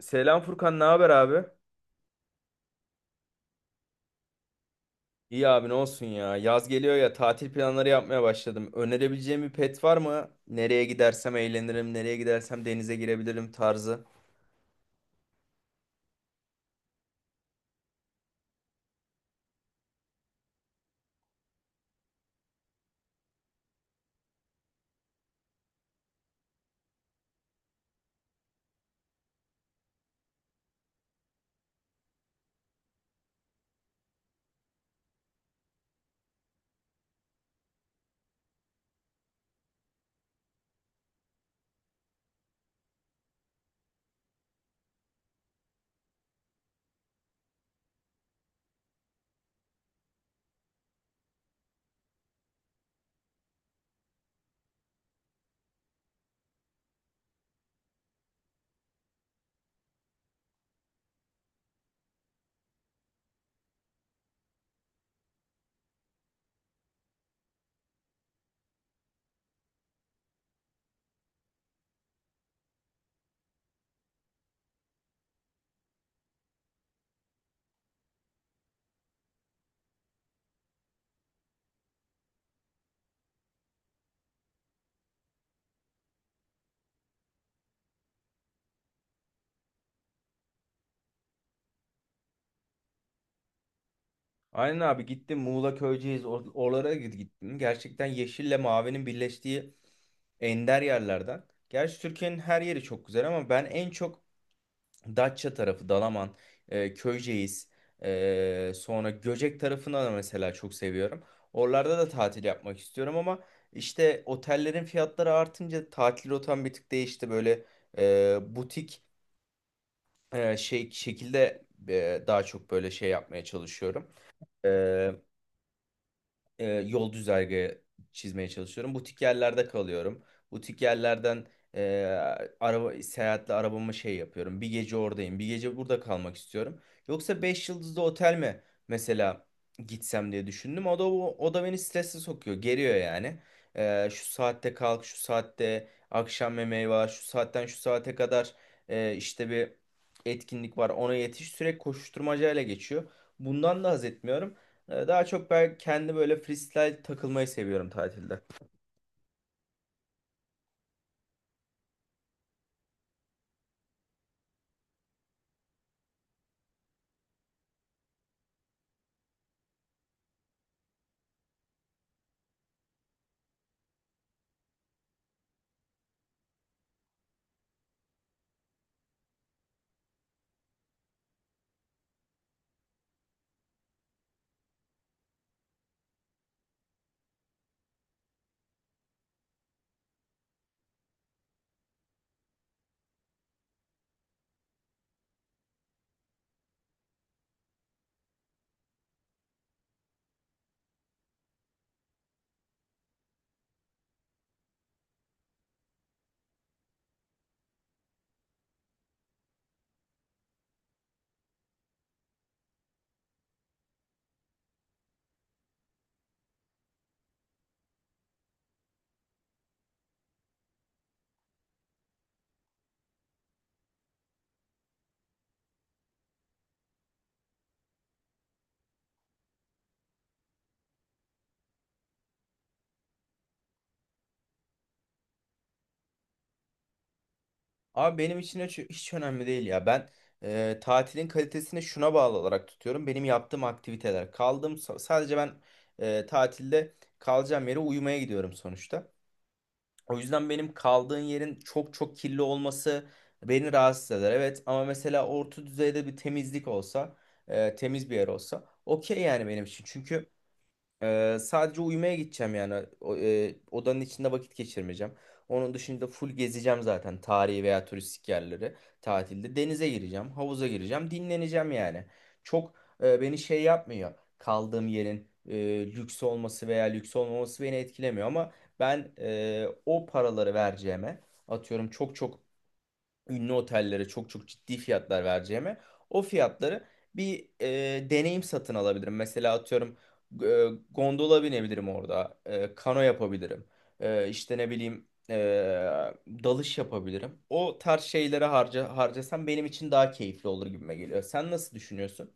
Selam Furkan, ne haber abi? İyi abi ne olsun ya. Yaz geliyor ya tatil planları yapmaya başladım. Önerebileceğim bir pet var mı? Nereye gidersem eğlenirim, nereye gidersem denize girebilirim tarzı. Aynen abi gittim Muğla Köyceğiz oralara gittim. Gerçekten yeşille mavinin birleştiği ender yerlerden. Gerçi Türkiye'nin her yeri çok güzel ama ben en çok Datça tarafı, Dalaman, Köyceğiz, sonra Göcek tarafını da mesela çok seviyorum. Oralarda da tatil yapmak istiyorum ama işte otellerin fiyatları artınca tatil rotam bir tık değişti. Böyle butik şey şekilde daha çok böyle şey yapmaya çalışıyorum. E, Yol güzergahı çizmeye çalışıyorum. Butik yerlerde kalıyorum. Butik yerlerden e, araba seyahatle arabamı şey yapıyorum. Bir gece oradayım, bir gece burada kalmak istiyorum. Yoksa 5 yıldızlı otel mi mesela gitsem diye düşündüm. O da beni strese sokuyor, geriyor yani. Şu saatte kalk, şu saatte akşam yemeği var, şu saatten şu saate kadar işte bir etkinlik var. Ona yetiş sürekli koşuşturmacayla geçiyor. Bundan da haz etmiyorum. Daha çok ben kendi böyle freestyle takılmayı seviyorum tatilde. Abi benim için hiç önemli değil ya. Ben tatilin kalitesini şuna bağlı olarak tutuyorum. Benim yaptığım aktiviteler. Kaldığım sadece ben tatilde kalacağım yere uyumaya gidiyorum sonuçta. O yüzden benim kaldığın yerin çok çok kirli olması beni rahatsız eder. Evet ama mesela orta düzeyde bir temizlik olsa, temiz bir yer olsa okey yani benim için. Çünkü sadece uyumaya gideceğim yani. Odanın içinde vakit geçirmeyeceğim. Onun dışında full gezeceğim zaten tarihi veya turistik yerleri tatilde. Denize gireceğim, havuza gireceğim, dinleneceğim yani. Çok beni şey yapmıyor. Kaldığım yerin lüks olması veya lüks olmaması beni etkilemiyor ama ben o paraları vereceğime atıyorum çok çok ünlü otellere çok çok ciddi fiyatlar vereceğime o fiyatları bir deneyim satın alabilirim. Mesela atıyorum e, gondola binebilirim orada, kano yapabilirim, işte ne bileyim dalış yapabilirim. O tarz şeylere harcasam benim için daha keyifli olur gibime geliyor. Sen nasıl düşünüyorsun?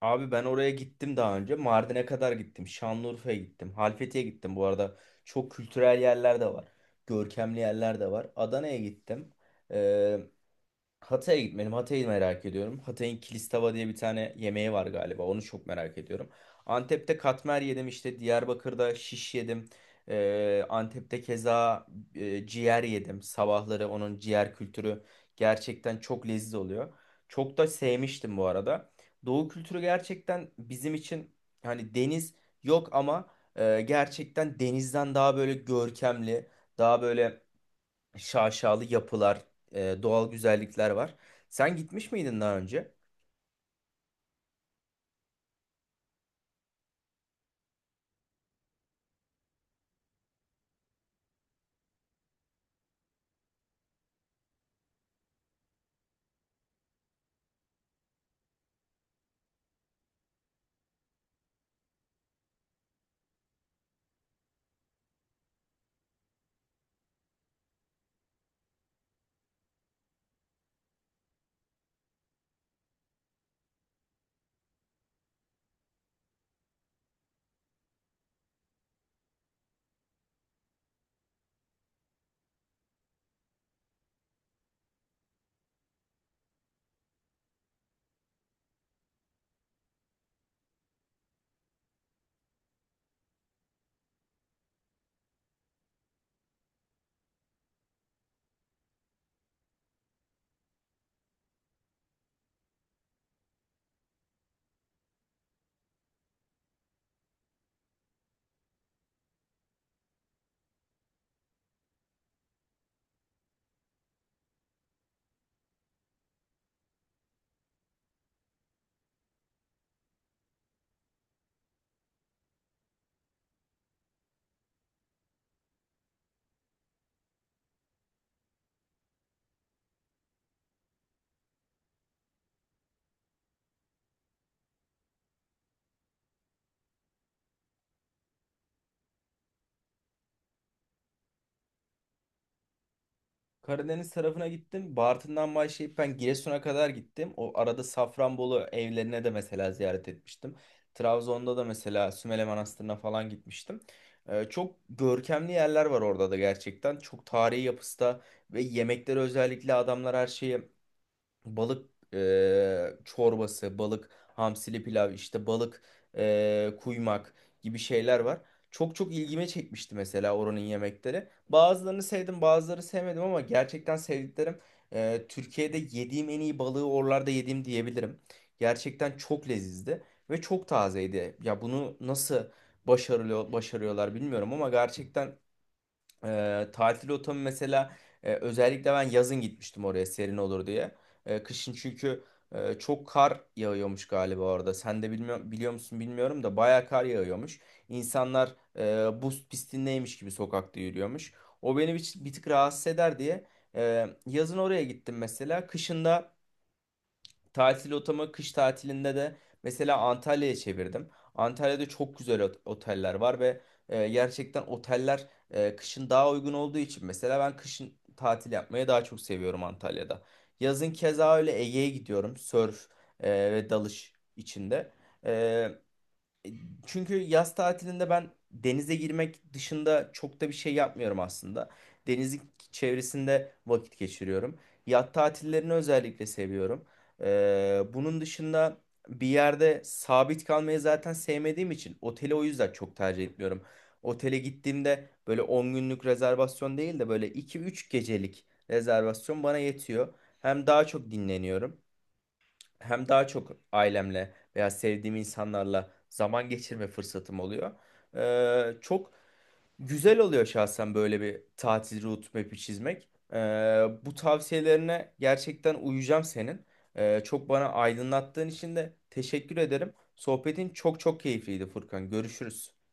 Abi ben oraya gittim daha önce. Mardin'e kadar gittim. Şanlıurfa'ya gittim. Halfeti'ye gittim bu arada. Çok kültürel yerler de var. Görkemli yerler de var. Adana'ya gittim. Hatay'a gitmedim. Hatay'ı merak ediyorum. Hatay'ın Kilistava diye bir tane yemeği var galiba. Onu çok merak ediyorum. Antep'te katmer yedim işte. Diyarbakır'da şiş yedim. Antep'te keza ciğer yedim. Sabahları onun ciğer kültürü gerçekten çok lezzetli oluyor. Çok da sevmiştim bu arada. Doğu kültürü gerçekten bizim için hani deniz yok ama gerçekten denizden daha böyle görkemli, daha böyle şaşalı yapılar, doğal güzellikler var. Sen gitmiş miydin daha önce? Karadeniz tarafına gittim. Bartın'dan başlayıp ben Giresun'a kadar gittim. O arada Safranbolu evlerine de mesela ziyaret etmiştim. Trabzon'da da mesela Sümele Manastırı'na falan gitmiştim. Çok görkemli yerler var orada da gerçekten. Çok tarihi yapısı da ve yemekleri özellikle adamlar her şeyi balık çorbası, balık hamsili pilav, işte balık kuymak gibi şeyler var. Çok çok ilgime çekmişti mesela oranın yemekleri. Bazılarını sevdim, bazıları sevmedim ama gerçekten sevdiklerim Türkiye'de yediğim en iyi balığı oralarda yediğim diyebilirim. Gerçekten çok lezizdi ve çok tazeydi. Ya bunu nasıl başarıyorlar bilmiyorum ama gerçekten tatil rotamı mesela özellikle ben yazın gitmiştim oraya serin olur diye. Kışın çünkü çok kar yağıyormuş galiba orada. Sen de biliyor musun bilmiyorum da bayağı kar yağıyormuş. İnsanlar buz pistindeymiş gibi sokakta yürüyormuş. O beni bir tık rahatsız eder diye yazın oraya gittim mesela. Tatil otamı kış tatilinde de mesela Antalya'ya çevirdim. Antalya'da çok güzel oteller var ve gerçekten oteller kışın daha uygun olduğu için mesela ben kışın tatil yapmayı daha çok seviyorum Antalya'da. Yazın keza öyle Ege'ye gidiyorum. Sörf ve dalış içinde. E, e, Çünkü yaz tatilinde ben denize girmek dışında çok da bir şey yapmıyorum aslında. Denizin çevresinde vakit geçiriyorum. Yat tatillerini özellikle seviyorum. Bunun dışında bir yerde sabit kalmayı zaten sevmediğim için oteli o yüzden çok tercih etmiyorum. Otele gittiğimde böyle 10 günlük rezervasyon değil de böyle 2-3 gecelik rezervasyon bana yetiyor. Hem daha çok dinleniyorum hem daha çok ailemle veya sevdiğim insanlarla zaman geçirme fırsatım oluyor. Çok güzel oluyor şahsen böyle bir tatil route map'i çizmek. Bu tavsiyelerine gerçekten uyacağım senin. Çok bana aydınlattığın için de teşekkür ederim. Sohbetin çok çok keyifliydi Furkan. Görüşürüz.